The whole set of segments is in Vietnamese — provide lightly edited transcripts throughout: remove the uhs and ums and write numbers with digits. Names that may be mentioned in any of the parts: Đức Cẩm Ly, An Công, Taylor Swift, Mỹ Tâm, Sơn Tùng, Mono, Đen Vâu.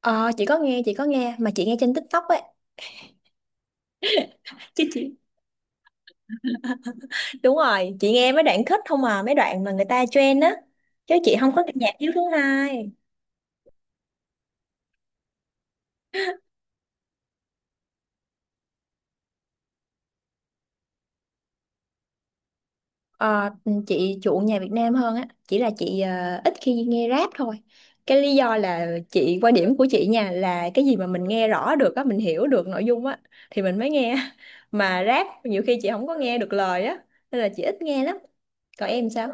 Ờ, chị có nghe mà chị nghe trên TikTok ấy. Chứ chị Đúng rồi, chị nghe mấy đoạn kết không à, mấy đoạn mà người ta trend á. Chứ chị không có nghe nhạc Hiếu thứ hai. Ờ, ừ, chị chuộng nhạc Việt Nam hơn á, chỉ là chị ít khi nghe rap thôi. Cái lý do là chị quan điểm của chị nha là cái gì mà mình nghe rõ được á, mình hiểu được nội dung á thì mình mới nghe. Mà rap nhiều khi chị không có nghe được lời á, nên là chị ít nghe lắm. Còn em sao?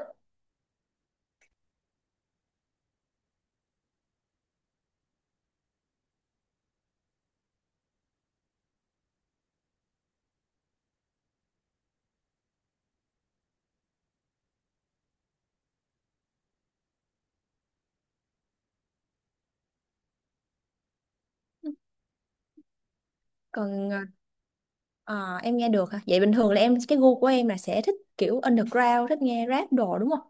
Còn ờ, Ờ, em nghe được hả? Vậy bình thường là em cái gu của em là sẽ thích kiểu underground, thích nghe rap đồ đúng không?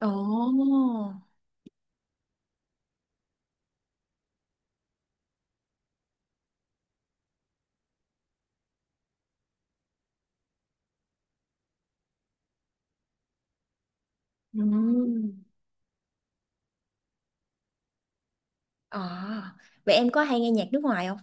Ồ. Ừm. Ờ, Vậy em có hay nghe nhạc nước ngoài không?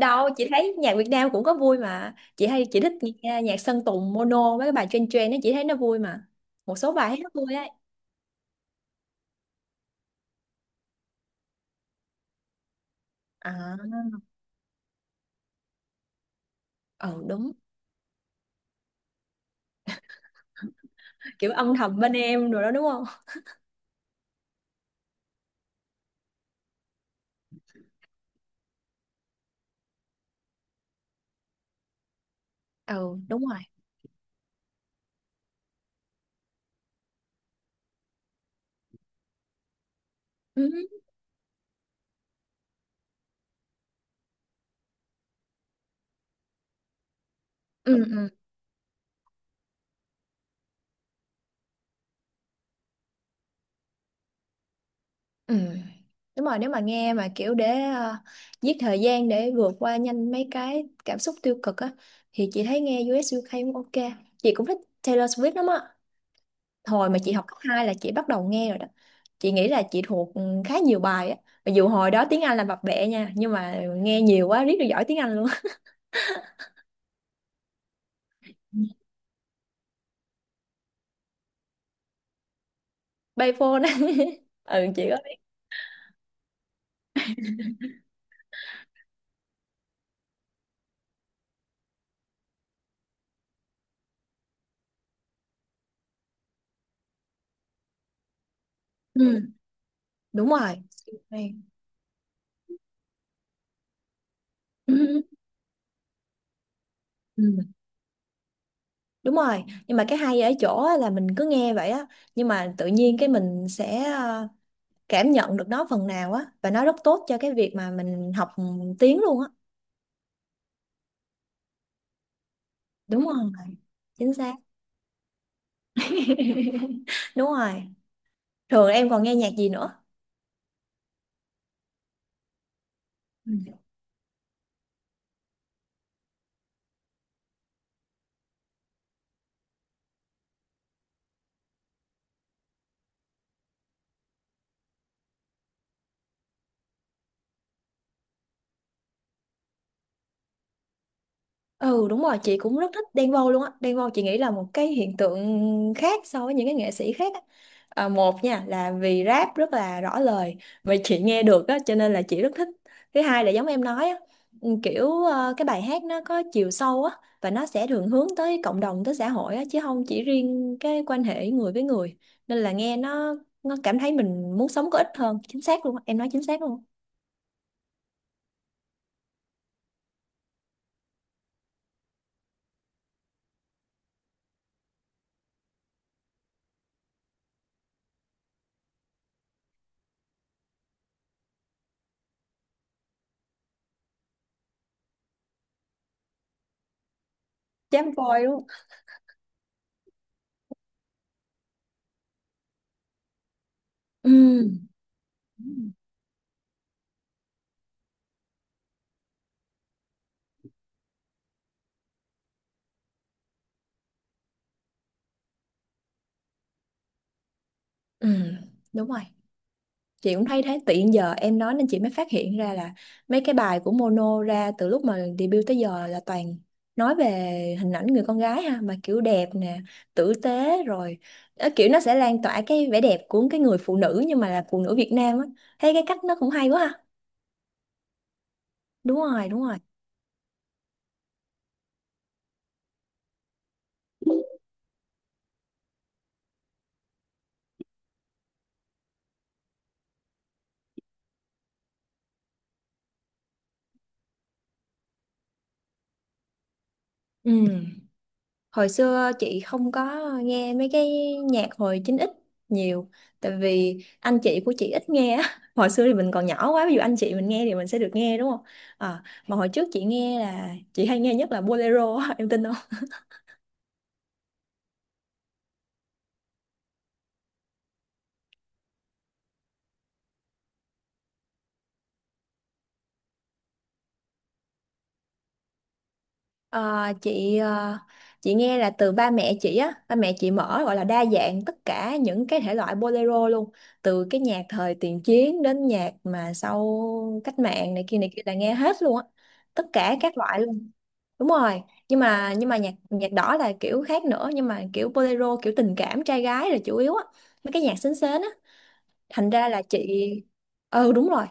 Đâu, chị thấy nhạc Việt Nam cũng có vui mà. Chị thích nghe nhạc Sơn Tùng, Mono mấy cái bài trên trên nó chị thấy nó vui mà. Một số bài thấy nó vui ấy. À, ừ đúng. Kiểu âm thầm bên em rồi đó đúng không? Ừ, đúng rồi. Ừ, ừ, ừ. Ừ. Đúng rồi, nếu mà nghe mà kiểu để giết thời gian để vượt qua nhanh mấy cái cảm xúc tiêu cực á thì chị thấy nghe US UK cũng ok. Chị cũng thích Taylor Swift lắm á. Hồi mà chị học cấp 2 là chị bắt đầu nghe rồi đó. Chị nghĩ là chị thuộc khá nhiều bài á. Mặc dù hồi đó tiếng Anh là bập bẹ nha, nhưng mà nghe nhiều quá riết được giỏi tiếng Anh luôn. Payphone á. Ừ chị có biết. Ừ. Đúng rồi. Hay. Ừ. Ừ. Đúng rồi, nhưng mà cái hay ở chỗ á là mình cứ nghe vậy á, nhưng mà tự nhiên cái mình sẽ cảm nhận được nó phần nào á và nó rất tốt cho cái việc mà mình học tiếng luôn á, đúng không? Chính xác. Đúng rồi, thường em còn nghe nhạc gì nữa? Ừ. Ừ, đúng rồi, chị cũng rất thích Đen Vâu luôn á. Đen Vâu chị nghĩ là một cái hiện tượng khác so với những cái nghệ sĩ khác á. À, một nha là vì rap rất là rõ lời mà chị nghe được á, cho nên là chị rất thích. Thứ hai là giống em nói á, ừ, kiểu cái bài hát nó có chiều sâu á và nó sẽ thường hướng tới cộng đồng tới xã hội á chứ không chỉ riêng cái quan hệ người với người. Nên là nghe nó cảm thấy mình muốn sống có ích hơn. Chính xác luôn á, em nói chính xác luôn. Chém voi luôn. Ừ. Ừ đúng rồi, chị cũng thấy thế. Tự nhiên giờ em nói nên chị mới phát hiện ra là mấy cái bài của Mono ra từ lúc mà debut tới giờ là toàn nói về hình ảnh người con gái ha, mà kiểu đẹp nè, tử tế rồi. Ờ, kiểu nó sẽ lan tỏa cái vẻ đẹp của cái người phụ nữ nhưng mà là phụ nữ Việt Nam á. Thấy cái cách nó cũng hay quá ha. Đúng rồi, đúng rồi. Ừ, hồi xưa chị không có nghe mấy cái nhạc hồi 9x nhiều, tại vì anh chị của chị ít nghe á. Hồi xưa thì mình còn nhỏ quá, ví dụ anh chị mình nghe thì mình sẽ được nghe đúng không? Ờ, mà hồi trước chị nghe là chị hay nghe nhất là bolero á, em tin không? Ờ, chị nghe là từ ba mẹ chị á. Ba mẹ chị mở gọi là đa dạng tất cả những cái thể loại bolero luôn, từ cái nhạc thời tiền chiến đến nhạc mà sau cách mạng này kia là nghe hết luôn á, tất cả các loại. Đúng rồi, nhưng mà nhạc nhạc đỏ là kiểu khác nữa, nhưng mà kiểu bolero kiểu tình cảm trai gái là chủ yếu á, mấy cái nhạc sến sến á. Thành ra là chị, ừ đúng rồi.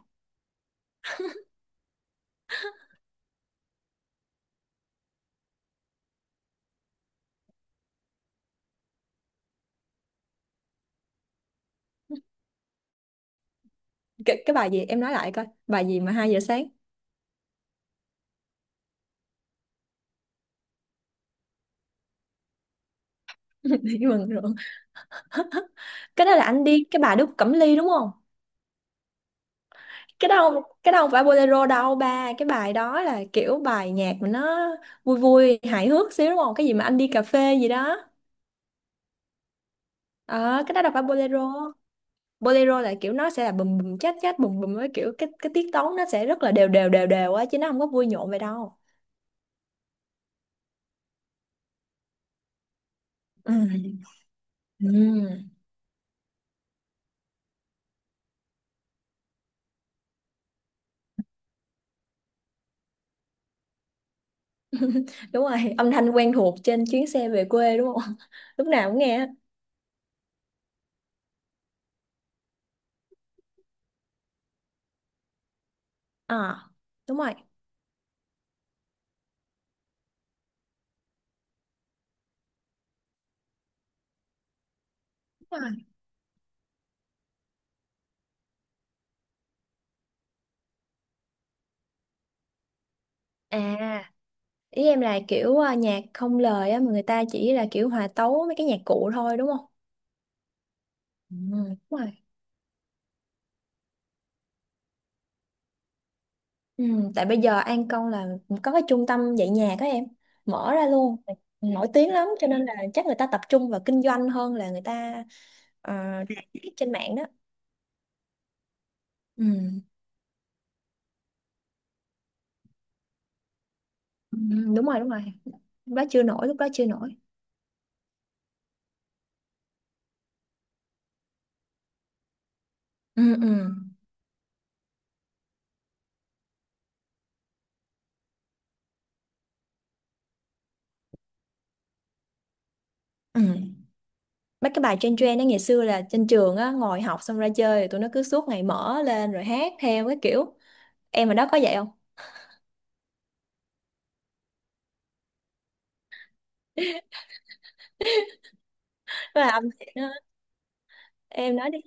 Cái bài gì em nói lại coi, bài gì mà 2 giờ sáng? Đi mừng rồi. Cái đó là anh đi, cái bài Đức Cẩm Ly đúng không? Cái đó không phải bolero đâu, ba cái bài đó là kiểu bài nhạc mà nó vui vui hài hước xíu, đúng không? Cái gì mà anh đi cà phê gì đó. Ờ cái đó đâu phải bolero. Bolero là kiểu nó sẽ là bùm bùm chát chát bùm bùm với kiểu cái tiết tấu nó sẽ rất là đều đều đều đều á, chứ nó không có vui nhộn vậy đâu. Ừ. Ừ. Đúng rồi, âm thanh quen thuộc trên chuyến xe về quê đúng không? Lúc nào cũng nghe. À đúng rồi. Đúng rồi. À, ý em là kiểu à, nhạc không lời á mà người ta chỉ là kiểu hòa tấu mấy cái nhạc cụ thôi đúng không? Ừ, đúng rồi. Ừ, tại bây giờ An Công là có cái trung tâm dạy nhạc á em, mở ra luôn, nổi tiếng lắm. Cho nên là chắc người ta tập trung vào kinh doanh hơn là người ta ờ, rạp xiếc trên mạng đó. Ừ. Ừ, đúng rồi đúng rồi, lúc đó chưa nổi, lúc đó chưa nổi. Ừ. Ừ. Ừ. Mấy cái bài trên trend đó, ngày xưa là trên trường á, ngồi học xong ra chơi rồi tụi nó cứ suốt ngày mở lên rồi hát theo cái kiểu, em ở đó có vậy không? Là âm nhạc đó. Em nói đi.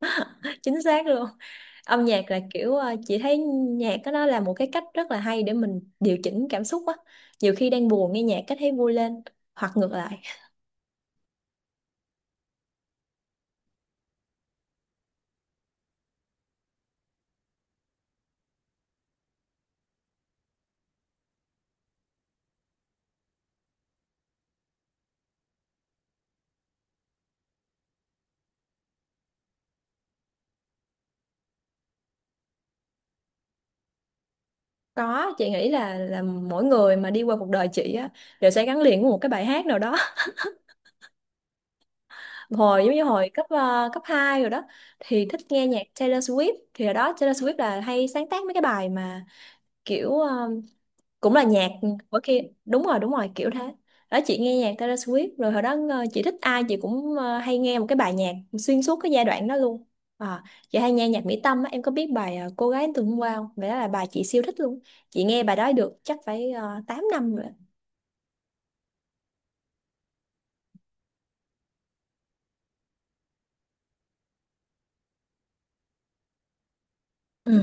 Chính xác luôn. Âm nhạc là kiểu chị thấy nhạc đó nó là một cái cách rất là hay để mình điều chỉnh cảm xúc á. Nhiều khi đang buồn nghe nhạc cái thấy vui lên, hoặc ngược lại. Có, chị nghĩ là mỗi người mà đi qua cuộc đời chị á đều sẽ gắn liền với một cái bài hát nào đó. Hồi giống như hồi cấp 2 rồi đó thì thích nghe nhạc Taylor Swift, thì hồi đó Taylor Swift là hay sáng tác mấy cái bài mà kiểu cũng là nhạc của kia đúng rồi kiểu thế. Đó, chị nghe nhạc Taylor Swift, rồi hồi đó chị thích ai chị cũng hay nghe một cái bài nhạc xuyên suốt cái giai đoạn đó luôn. À, chị hay nghe nhạc Mỹ Tâm á, em có biết bài Cô gái từ hôm qua không? Vậy đó là bài chị siêu thích luôn. Chị nghe bài đó được chắc phải 8 năm rồi. Ừ,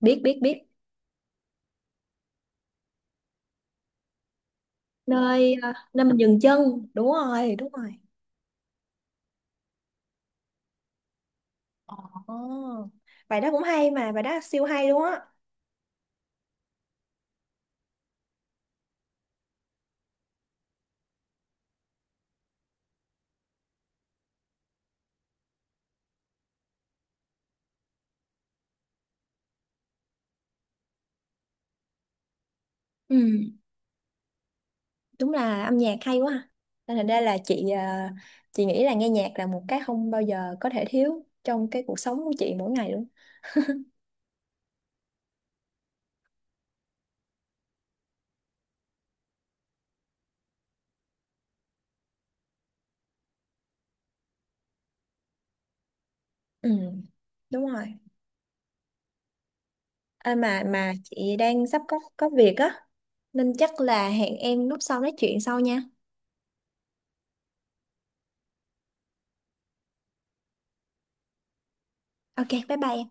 biết biết biết. Nơi mình dừng chân. Đúng rồi, đúng rồi. Ồ, bài đó cũng hay mà, bài đó siêu hay luôn á. Ừ, đúng là âm nhạc hay quá ha. Nên thành ra là chị nghĩ là nghe nhạc là một cái không bao giờ có thể thiếu trong cái cuộc sống của chị mỗi ngày luôn. Ừ, đúng rồi. À, mà chị đang sắp có việc á, nên chắc là hẹn em lúc sau nói chuyện sau nha. Ok, bye bye em.